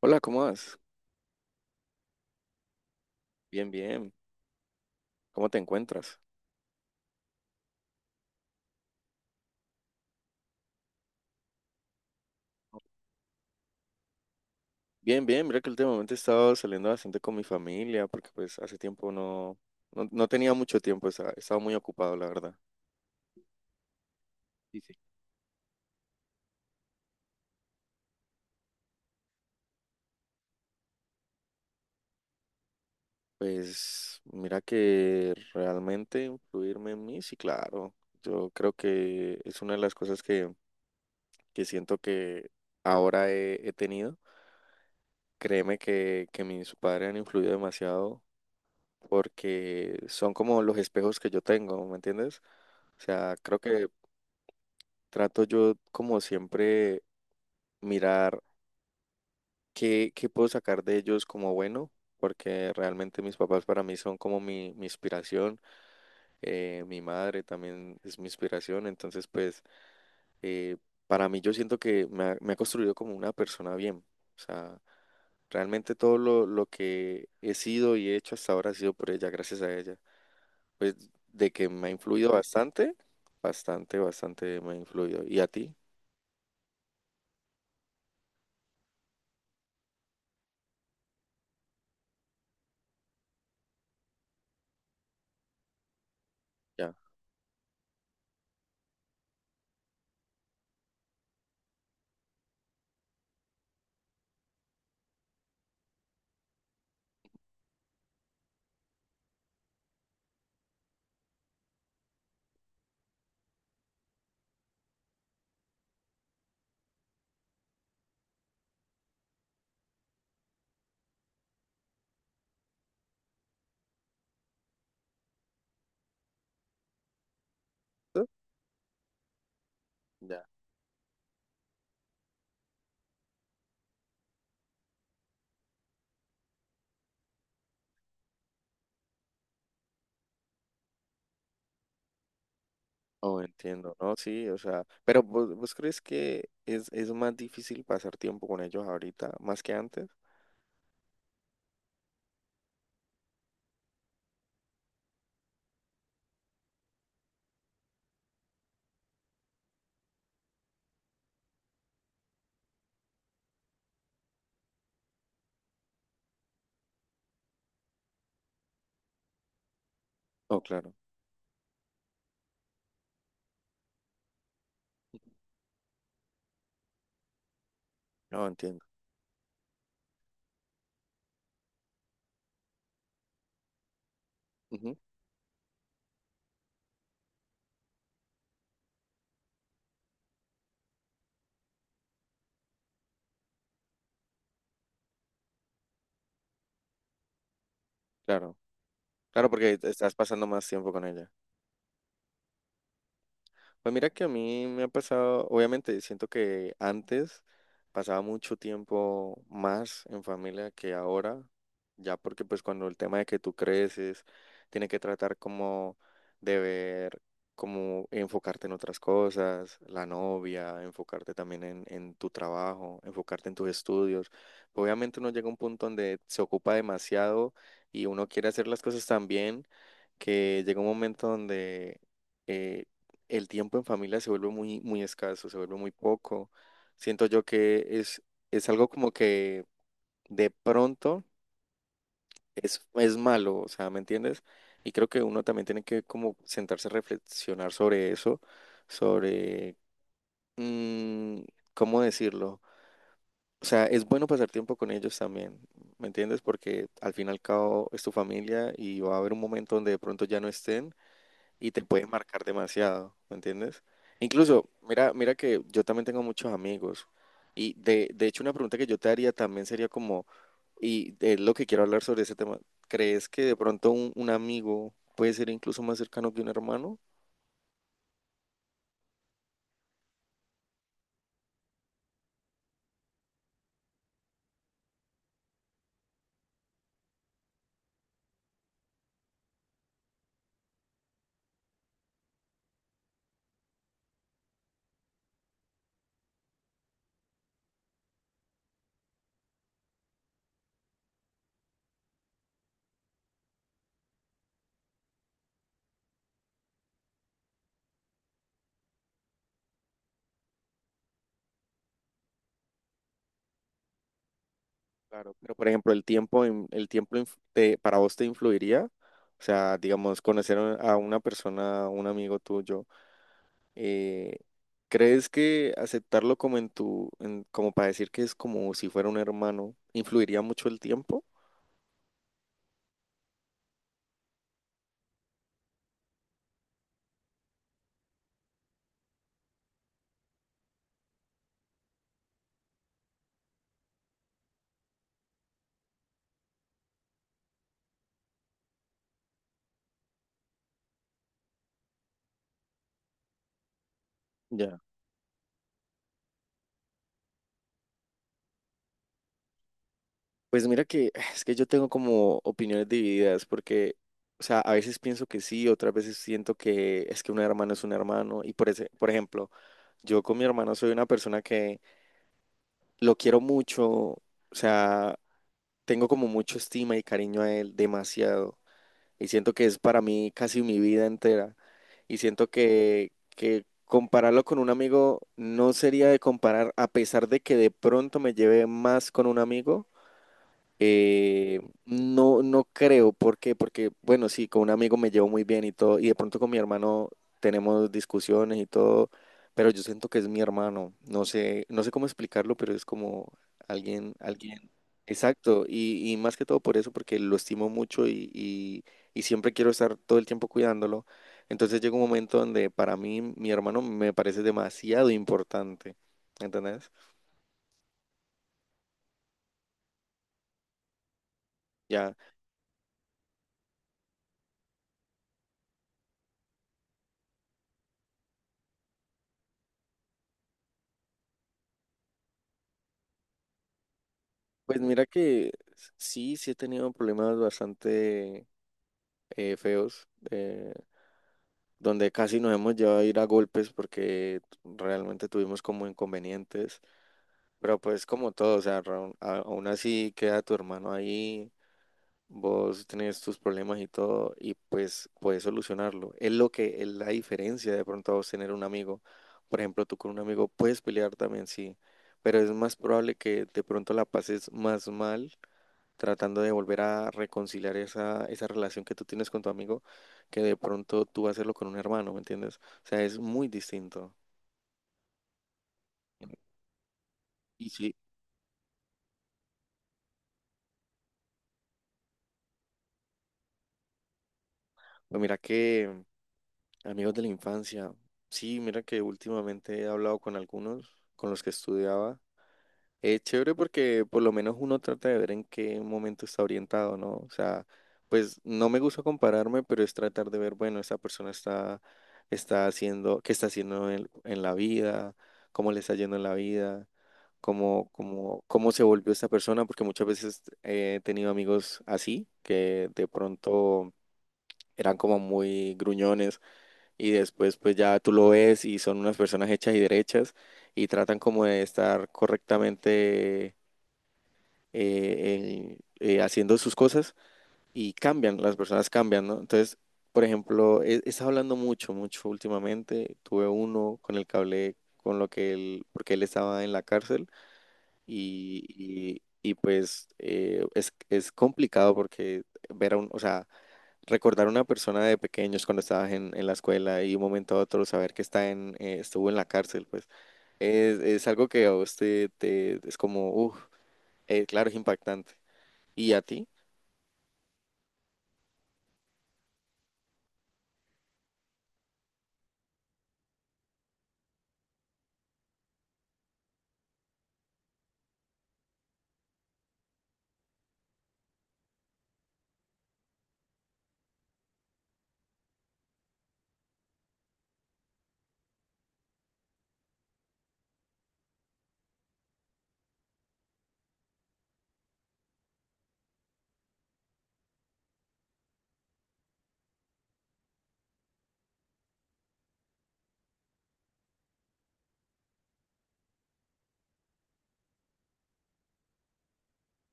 Hola, ¿cómo vas? Bien, bien. ¿Cómo te encuentras? Bien, bien. Mira que últimamente he estado saliendo bastante con mi familia porque pues hace tiempo no tenía mucho tiempo, estaba muy ocupado, la verdad. Sí, sí. Pues mira que realmente influirme en mí, sí, claro. Yo creo que es una de las cosas que siento que ahora he tenido. Créeme que mis padres han influido demasiado porque son como los espejos que yo tengo, ¿me entiendes? O sea, creo que trato yo, como siempre, mirar qué puedo sacar de ellos como bueno, porque realmente mis papás para mí son como mi inspiración, mi madre también es mi inspiración, entonces pues eh, para mí yo siento que me ha construido como una persona bien, o sea, realmente todo lo que he sido y he hecho hasta ahora ha sido por ella, gracias a ella, pues de que me ha influido bastante, bastante me ha influido. ¿Y a ti? Ya. ¿Tú? Ya. Oh, entiendo, ¿no? Sí, o sea, pero ¿vos crees que es más difícil pasar tiempo con ellos ahorita, más que antes? Oh, claro, no, entiendo. Ujú. Claro, claro, porque estás pasando más tiempo con ella. Pues mira que a mí me ha pasado, obviamente siento que antes pasaba mucho tiempo más en familia que ahora, ya porque pues cuando el tema de que tú creces, tiene que tratar como de ver, como enfocarte en otras cosas, la novia, enfocarte también en tu trabajo, enfocarte en tus estudios. Obviamente uno llega a un punto donde se ocupa demasiado y uno quiere hacer las cosas también que llega un momento donde eh, el tiempo en familia se vuelve muy, muy escaso, se vuelve muy poco. Siento yo que es algo como que de pronto es malo, o sea, ¿me entiendes? Y creo que uno también tiene que como sentarse a reflexionar sobre eso, sobre, mm, ¿cómo decirlo? O sea, es bueno pasar tiempo con ellos también, ¿me entiendes? Porque al fin y al cabo es tu familia y va a haber un momento donde de pronto ya no estén y te puedes marcar demasiado, ¿me entiendes? Incluso, mira, mira que yo también tengo muchos amigos y de hecho una pregunta que yo te haría también sería como, y es lo que quiero hablar sobre ese tema, ¿crees que de pronto un amigo puede ser incluso más cercano que un hermano? Claro. Pero por ejemplo, el tiempo, en- el tiempo inf- te- para vos te influiría, o sea, digamos, conocer a una persona, un amigo tuyo. Eh, ¿Crees que aceptarlo como en tu, como para decir que es como si fuera un hermano, influiría mucho el tiempo? Ya, pues mira que es que yo tengo como opiniones divididas porque, o sea, a veces pienso que sí, otras veces siento que es que un hermano es un hermano y por ese, por ejemplo, yo con mi hermano soy una persona que lo quiero mucho, o sea, tengo como mucho estima y cariño a él, demasiado. Y siento que es para mí casi mi vida entera. Y siento que compararlo con un amigo no sería de comparar, a pesar de que de pronto me lleve más con un amigo. No creo, ¿por qué? Porque, bueno, sí, con un amigo me llevo muy bien y todo, y de pronto con mi hermano tenemos discusiones y todo, pero yo siento que es mi hermano, no sé, no sé cómo explicarlo, pero es como alguien, exacto, y más que todo por eso, porque lo estimo mucho y y siempre quiero estar todo el tiempo cuidándolo, entonces llega un momento donde para mí mi hermano me parece demasiado importante, ¿entendés? Ya. Pues mira que sí, sí he tenido problemas bastante feos, donde casi nos hemos llevado a ir a golpes porque realmente tuvimos como inconvenientes, pero pues como todo, o sea, aún así queda tu hermano ahí, vos tenés tus problemas y todo, y pues puedes solucionarlo. Es lo que es la diferencia de pronto a vos tener un amigo. Por ejemplo, tú con un amigo puedes pelear también, sí, pero es más probable que de pronto la pases más mal tratando de volver a reconciliar esa, esa relación que tú tienes con tu amigo, que de pronto tú hacerlo con un hermano, ¿me entiendes? O sea, es muy distinto. Y sí, pues mira que amigos de la infancia, sí, mira que últimamente he hablado con algunos con los que estudiaba. Es chévere porque por lo menos uno trata de ver en qué momento está orientado, ¿no? O sea, pues no me gusta compararme, pero es tratar de ver, bueno, esta persona está haciendo, qué está haciendo en la vida, cómo le está yendo en la vida, cómo se volvió esta persona, porque muchas veces he tenido amigos así, que de pronto eran como muy gruñones y después pues ya tú lo ves y son unas personas hechas y derechas y tratan como de estar correctamente eh, eh, haciendo sus cosas y cambian, las personas cambian, ¿no? Entonces, por ejemplo, he estado hablando mucho, mucho últimamente. Tuve uno con el que hablé con lo que él, porque él estaba en la cárcel y, y- pues es complicado porque ver a un, o sea, recordar a una persona de pequeños cuando estabas en la escuela y de un momento a otro saber que está estuvo en la cárcel, pues es algo que a usted es como, uff, claro, es impactante. ¿Y a ti?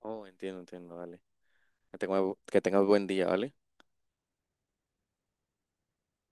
Oh, entiendo, entiendo, vale. Que que tengas buen día, ¿vale?